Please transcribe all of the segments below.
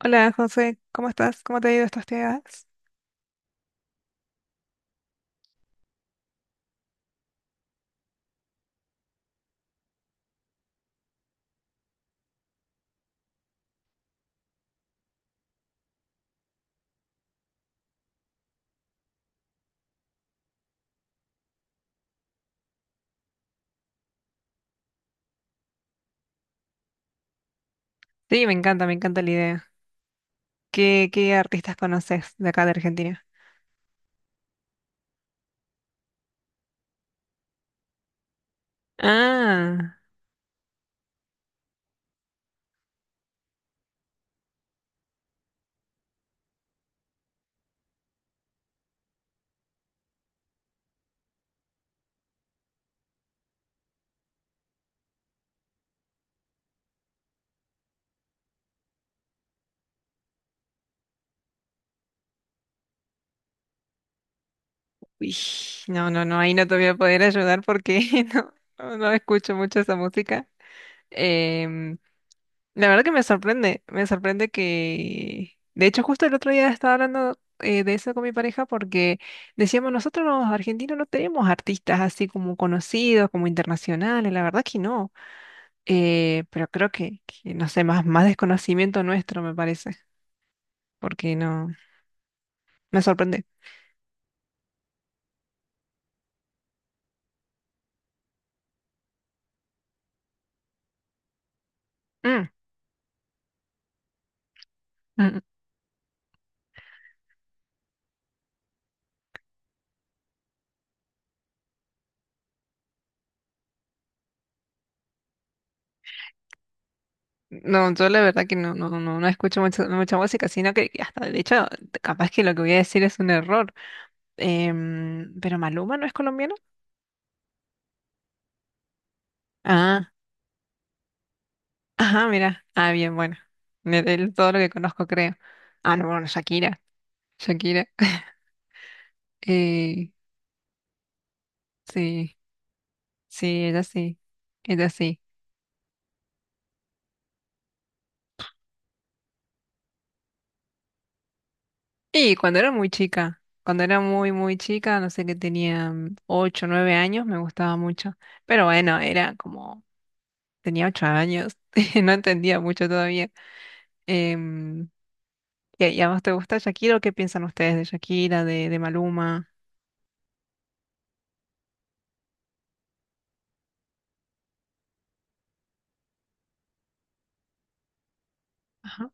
Hola José, ¿cómo estás? ¿Cómo te ha ido estos días? Sí, me encanta la idea. ¿Qué artistas conoces de acá de Argentina? Ah, uy, no, no, no, ahí no te voy a poder ayudar porque no, escucho mucho esa música. Em, la verdad que me sorprende que... De hecho, justo el otro día estaba hablando de eso con mi pareja porque decíamos, nosotros los argentinos no tenemos artistas así como conocidos, como internacionales, la verdad que no. Pero creo que, no sé, más, más desconocimiento nuestro, me parece, porque no, me sorprende. Mm, mm, No, yo la verdad que no, no escucho mucha, mucha música, sino que hasta, de hecho, capaz que lo que voy a decir es un error. Pero Maluma no es colombiano. Ah, ajá, mira. Ah, bien, bueno. De todo lo que conozco, creo. Ah, no, bueno, Shakira. Shakira. Eh, sí, sí, ella sí. Ella sí. Y cuando era muy chica, cuando era muy, muy chica, no sé que tenía ocho, nueve años, me gustaba mucho. Pero bueno, era como, tenía ocho años, no entendía mucho todavía. Em, ¿y a vos te gusta Shakira o qué piensan ustedes de Shakira, de Maluma? Ajá,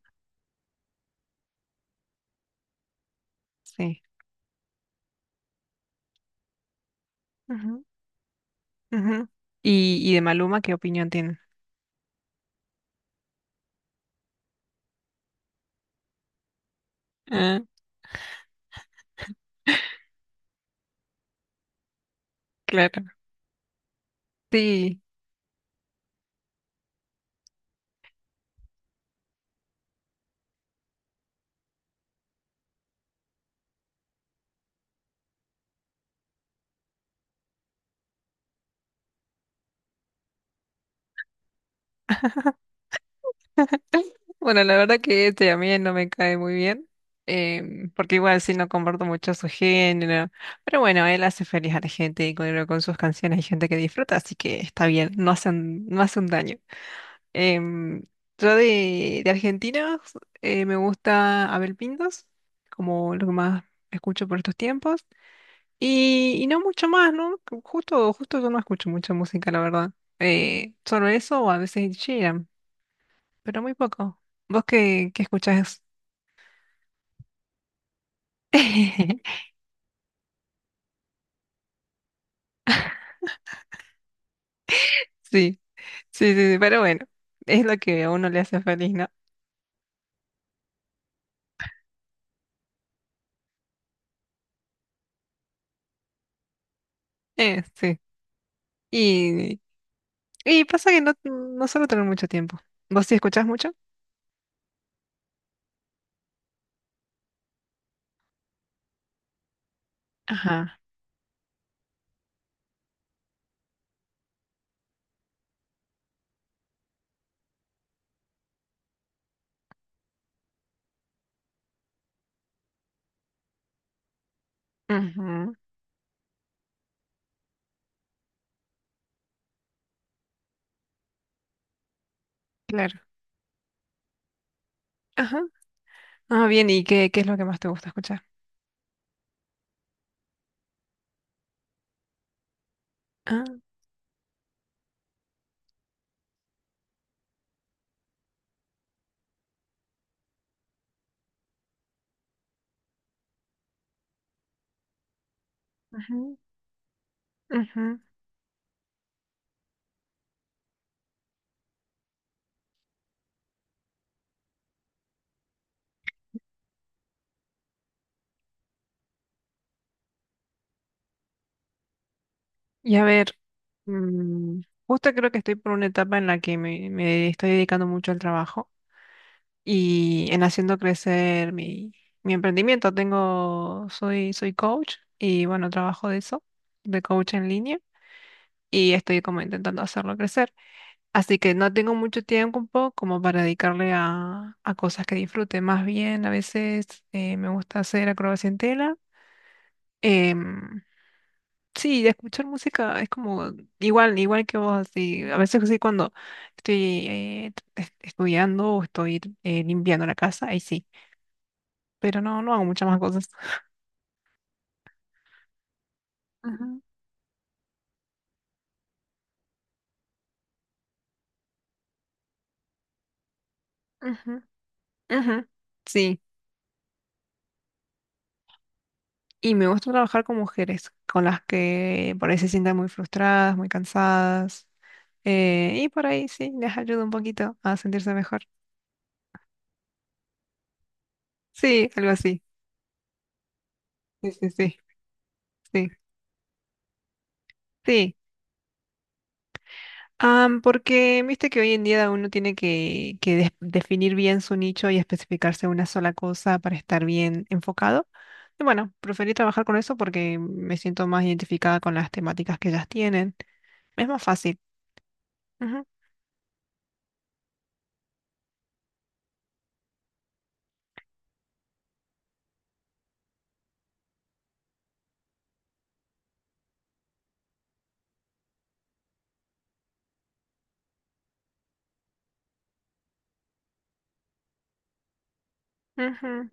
sí. Ujú, ujú. Y de Maluma, ¿qué opinión tienen? Ah, claro. Sí, bueno, la verdad que este a mí no me cae muy bien, porque igual sí no comparto mucho su género, pero bueno, él hace feliz a la gente y con sus canciones hay gente que disfruta, así que está bien, no hacen, no hace un daño. Em, yo de Argentina me gusta Abel Pintos, como lo que más escucho por estos tiempos, y no mucho más, ¿no? Justo, justo yo no escucho mucha música, la verdad. Solo eso o a veces Ed Sheeran pero muy poco. ¿Vos qué, qué escuchás? Sí, sí, sí, sí, pero bueno, es lo que a uno le hace feliz, ¿no? Sí. Y, y pasa que no, no suelo tener mucho tiempo. ¿Vos sí escuchás mucho? Ajá. Ujú, claro. Ajá. Ah, bien, ¿y qué, qué es lo que más te gusta escuchar? Ah, ujú, ujú. Y a ver, mm, justo creo que estoy por una etapa en la que me estoy dedicando mucho al trabajo. Y en haciendo crecer mi, mi emprendimiento. Tengo, soy, soy coach y bueno, trabajo de eso, de coach en línea y estoy como intentando hacerlo crecer. Así que no tengo mucho tiempo como para dedicarle a cosas que disfrute. Más bien, a veces me gusta hacer acrobacia en tela. Em, sí, escuchar música es como igual, igual que vos, así. A veces sí cuando estoy estudiando o estoy limpiando la casa, ahí sí. Pero no, no hago muchas más cosas. Ujú, ujú, ujú. Sí, y me gusta trabajar con mujeres, con las que por ahí se sientan muy frustradas, muy cansadas. Y por ahí sí, les ayuda un poquito a sentirse mejor. Sí, algo así. Sí, sí, sí, sí, sí. Porque viste que hoy en día uno tiene que definir bien su nicho y especificarse en una sola cosa para estar bien enfocado. Y bueno, preferí trabajar con eso porque me siento más identificada con las temáticas que ellas tienen. Es más fácil. Ujú, ujú,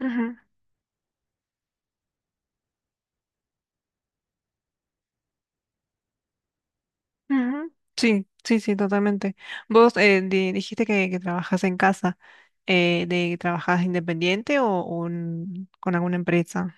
ujú, ujú. Sí, sí, sí, totalmente. Vos dijiste que trabajas en casa, ¿trabajas independiente o, con alguna empresa?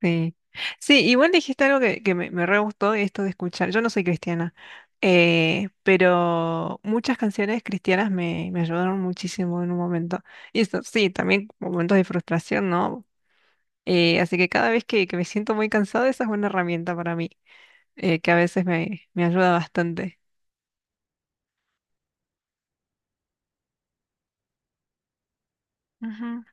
Sí. Sí, igual dijiste algo que me re gustó, esto de escuchar. Yo no soy cristiana, pero muchas canciones cristianas me, me ayudaron muchísimo en un momento. Y eso, sí, también momentos de frustración, ¿no? Así que cada vez que me siento muy cansada, esa es una herramienta para mí. Que a veces me, me ayuda bastante. Ujú,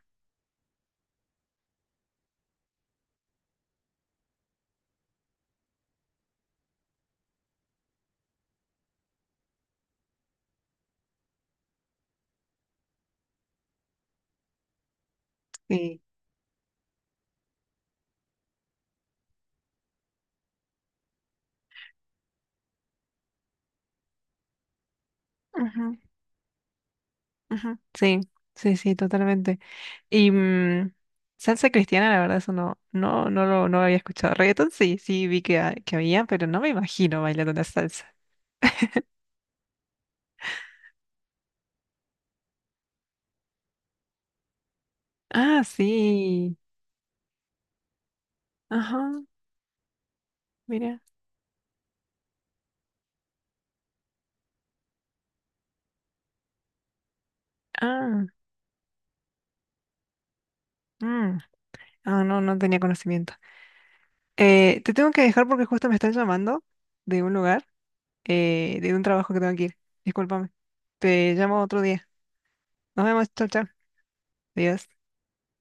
sí. Ujú, ujú. Sí, sí, sí, totalmente. Y salsa cristiana, la verdad, eso no, no, no lo, no lo había escuchado. Reggaetón sí, sí vi que había, pero no me imagino bailando una salsa. Ah, sí. Ajá, mira. Ah, mm. Ah, no, no tenía conocimiento. Te tengo que dejar porque justo me están llamando de un lugar, de un trabajo que tengo que ir. Discúlpame. Te llamo otro día. Nos vemos, chao, chao. Adiós.